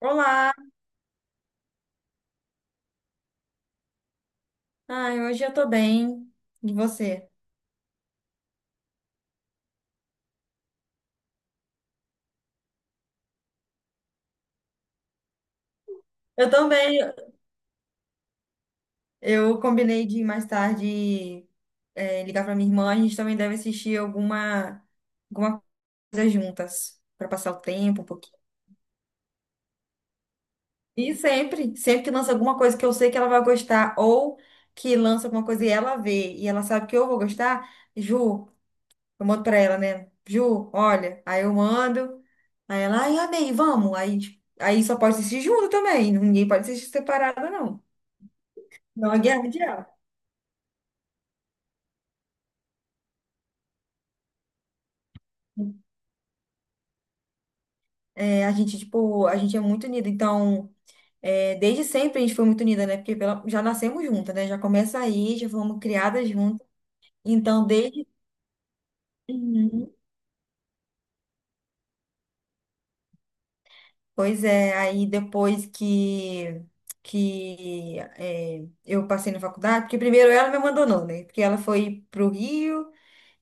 Olá! Ai, hoje eu tô bem. E você? Eu também. Eu combinei de mais tarde ligar pra minha irmã. A gente também deve assistir alguma coisa juntas, pra passar o tempo um pouquinho. E sempre que lança alguma coisa que eu sei que ela vai gostar, ou que lança alguma coisa e ela vê, e ela sabe que eu vou gostar, Ju, eu mando pra ela, né? Ju, olha. Aí eu mando. Aí ela, ai, amei, vamos. Aí, tipo, aí só pode assistir junto também. Ninguém pode assistir separado, não. Não é guerra mundial. É, a gente, tipo, a gente é muito unida. Então, desde sempre a gente foi muito unida, né? Porque já nascemos juntas, né? Já começa aí, já fomos criadas juntas. Então, desde. Uhum. Pois é, aí depois eu passei na faculdade, porque primeiro ela me abandonou, né? Porque ela foi pro Rio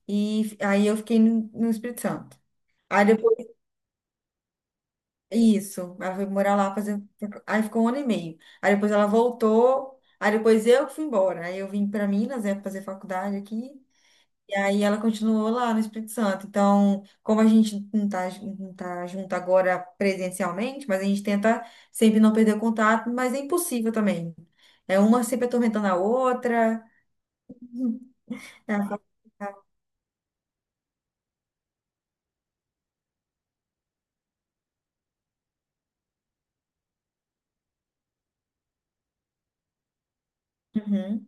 e aí eu fiquei no Espírito Santo. Aí depois isso, ela foi morar lá fazer. Aí ficou um ano e meio. Aí depois ela voltou. Aí depois eu que fui embora. Aí eu vim para Minas, né, fazer faculdade aqui. E aí ela continuou lá no Espírito Santo. Então, como a gente não tá junto agora presencialmente, mas a gente tenta sempre não perder o contato, mas é impossível também. É uma sempre atormentando a outra. É a fa- Uhum,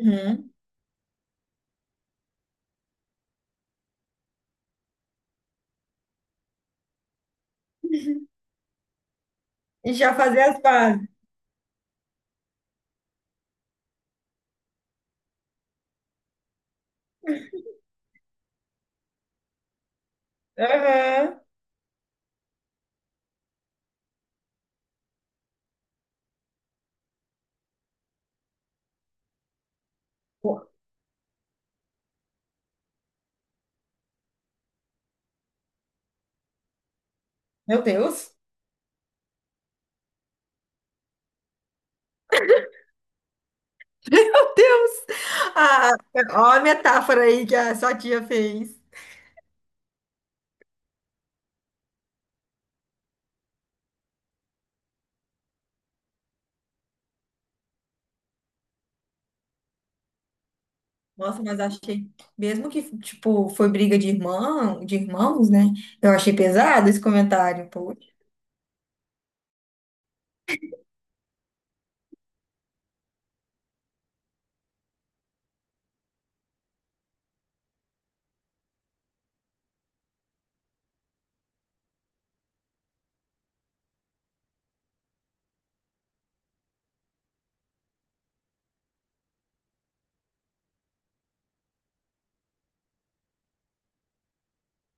uhum. E já fazer as pazes. Aham. Pô, meu Deus. Meu Deus! Ah, ó a metáfora aí que a sua tia fez. Nossa, mas achei, mesmo que, tipo, foi briga de irmão, de irmãos, né? Eu achei pesado esse comentário, pô.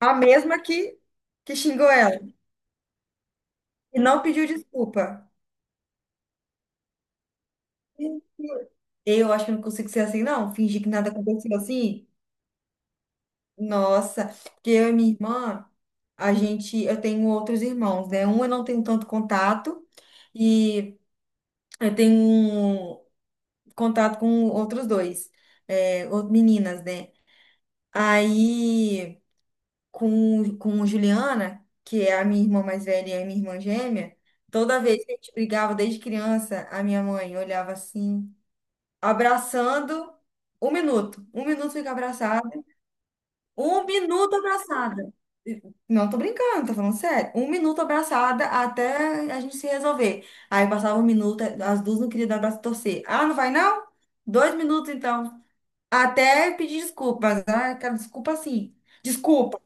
A mesma que xingou ela e não pediu desculpa. Eu acho que eu não consigo ser assim, não. Fingir que nada aconteceu assim. Nossa, porque eu e minha irmã, a gente, eu tenho outros irmãos, né? Um eu não tenho tanto contato e eu tenho um. Contato com outros dois, meninas, né? Aí, com Juliana, que é a minha irmã mais velha e a minha irmã gêmea, toda vez que a gente brigava desde criança, a minha mãe olhava assim, abraçando, um minuto fica abraçada, um minuto abraçada. Não tô brincando, tô falando sério. Um minuto abraçada até a gente se resolver. Aí passava um minuto, as duas não queriam dar abraço e torcer. Ah, não vai não? 2 minutos então. Até pedir desculpas, né? Aquela desculpa assim. Desculpa.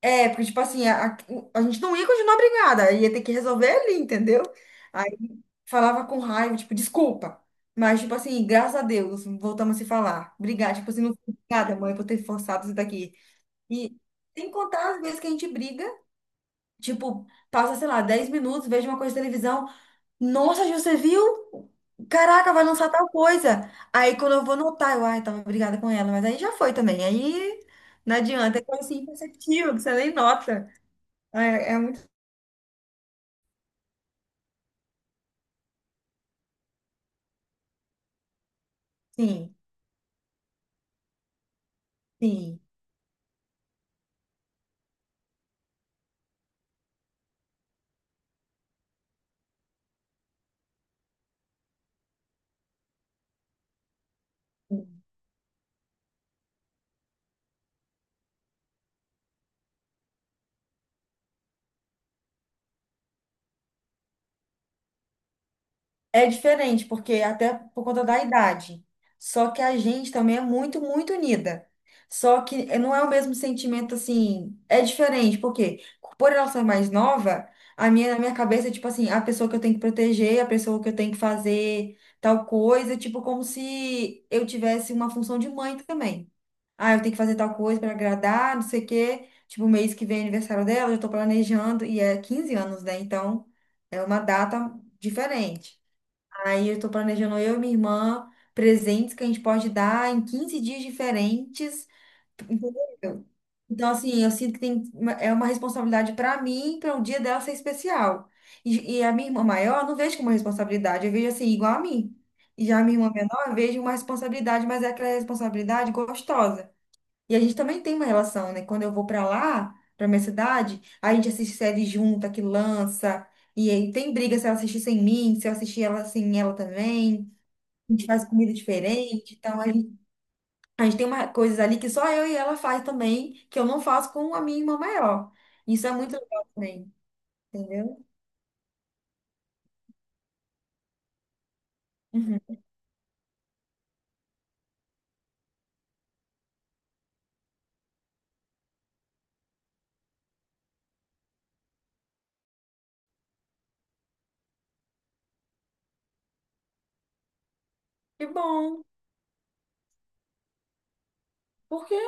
É, porque, tipo assim, a gente não ia continuar brigada, ia ter que resolver ali, entendeu? Aí falava com raiva, tipo, desculpa. Mas, tipo assim, graças a Deus, voltamos a se falar. Obrigada, tipo assim, não fui obrigada, mãe, por ter forçado isso daqui. E sem contar as vezes que a gente briga, tipo, passa, sei lá, 10 minutos, vejo uma coisa de televisão. Nossa, Ju, você viu? Caraca, vai lançar tal coisa. Aí quando eu vou notar, eu, ai, tava brigada com ela, mas aí já foi também. Aí não adianta, é coisa assim imperceptível, que você nem nota. É, é muito. Sim, sim. É diferente, porque até por conta da idade. Só que a gente também é muito, muito unida. Só que não é o mesmo sentimento assim. É diferente, porque por ela ser mais nova, a minha, na minha cabeça é tipo assim, a pessoa que eu tenho que proteger, a pessoa que eu tenho que fazer tal coisa, tipo como se eu tivesse uma função de mãe também. Ah, eu tenho que fazer tal coisa para agradar, não sei o quê. Tipo, mês que vem é aniversário dela, eu já tô planejando, e é 15 anos, né? Então, é uma data diferente. Aí eu estou planejando eu e minha irmã presentes que a gente pode dar em 15 dias diferentes, entendeu? Então, assim, eu sinto que tem uma- é uma responsabilidade para mim, para um dia dela ser especial. E a minha irmã maior, eu não vejo como uma responsabilidade, eu vejo assim, igual a mim. E já a minha irmã menor, eu vejo uma responsabilidade, mas é aquela responsabilidade gostosa. E a gente também tem uma relação, né? Quando eu vou para lá, para minha cidade, a gente assiste série junta, que lança. E aí tem briga se ela assistir sem mim, se eu assistir ela sem ela também. A gente faz comida diferente, então a gente tem uma, coisas ali que só eu e ela faz também, que eu não faço com a minha irmã maior. Isso é muito legal também, entendeu? Uhum. Que bom. Por quê?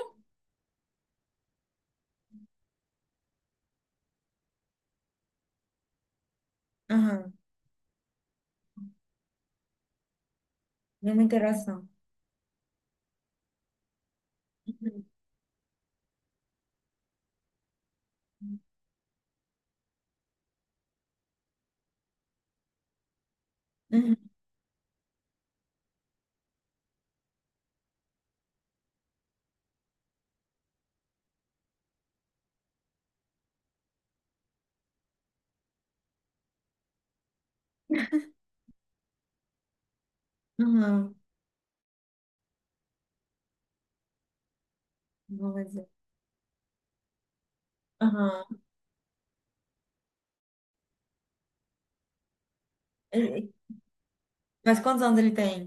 Aham. Nenhuma interação. Uhum. Uhum. Aham. Não, mas é- Aham. E- Mas quantos anos ele tem?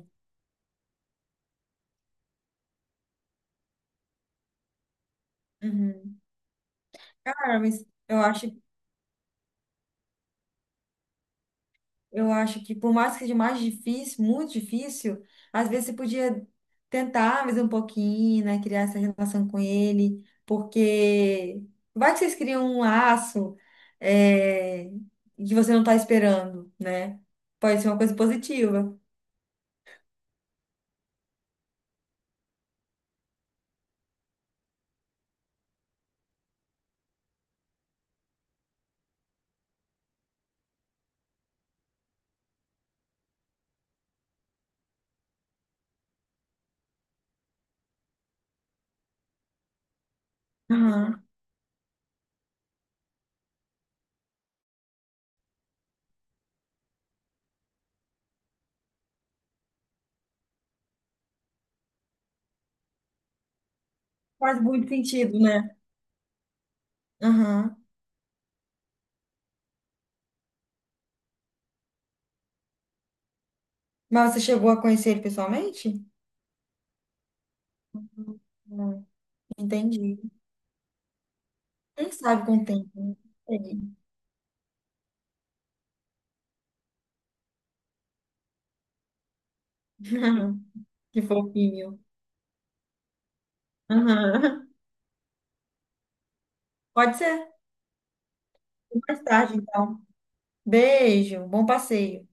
Uhum. Cara, mas eu acho. Eu acho que por mais que seja mais difícil, muito difícil, às vezes você podia tentar mais um pouquinho, né? Criar essa relação com ele, porque vai que vocês criam um laço, é que você não está esperando, né? Pode ser uma coisa positiva. Aham. Faz muito sentido, né? Aham. Mas você chegou a conhecer ele pessoalmente? Não, entendi. Quem sabe com o tempo, né? Sei. Que fofinho. Aham. Pode ser. Mais tarde, então. Beijo, bom passeio.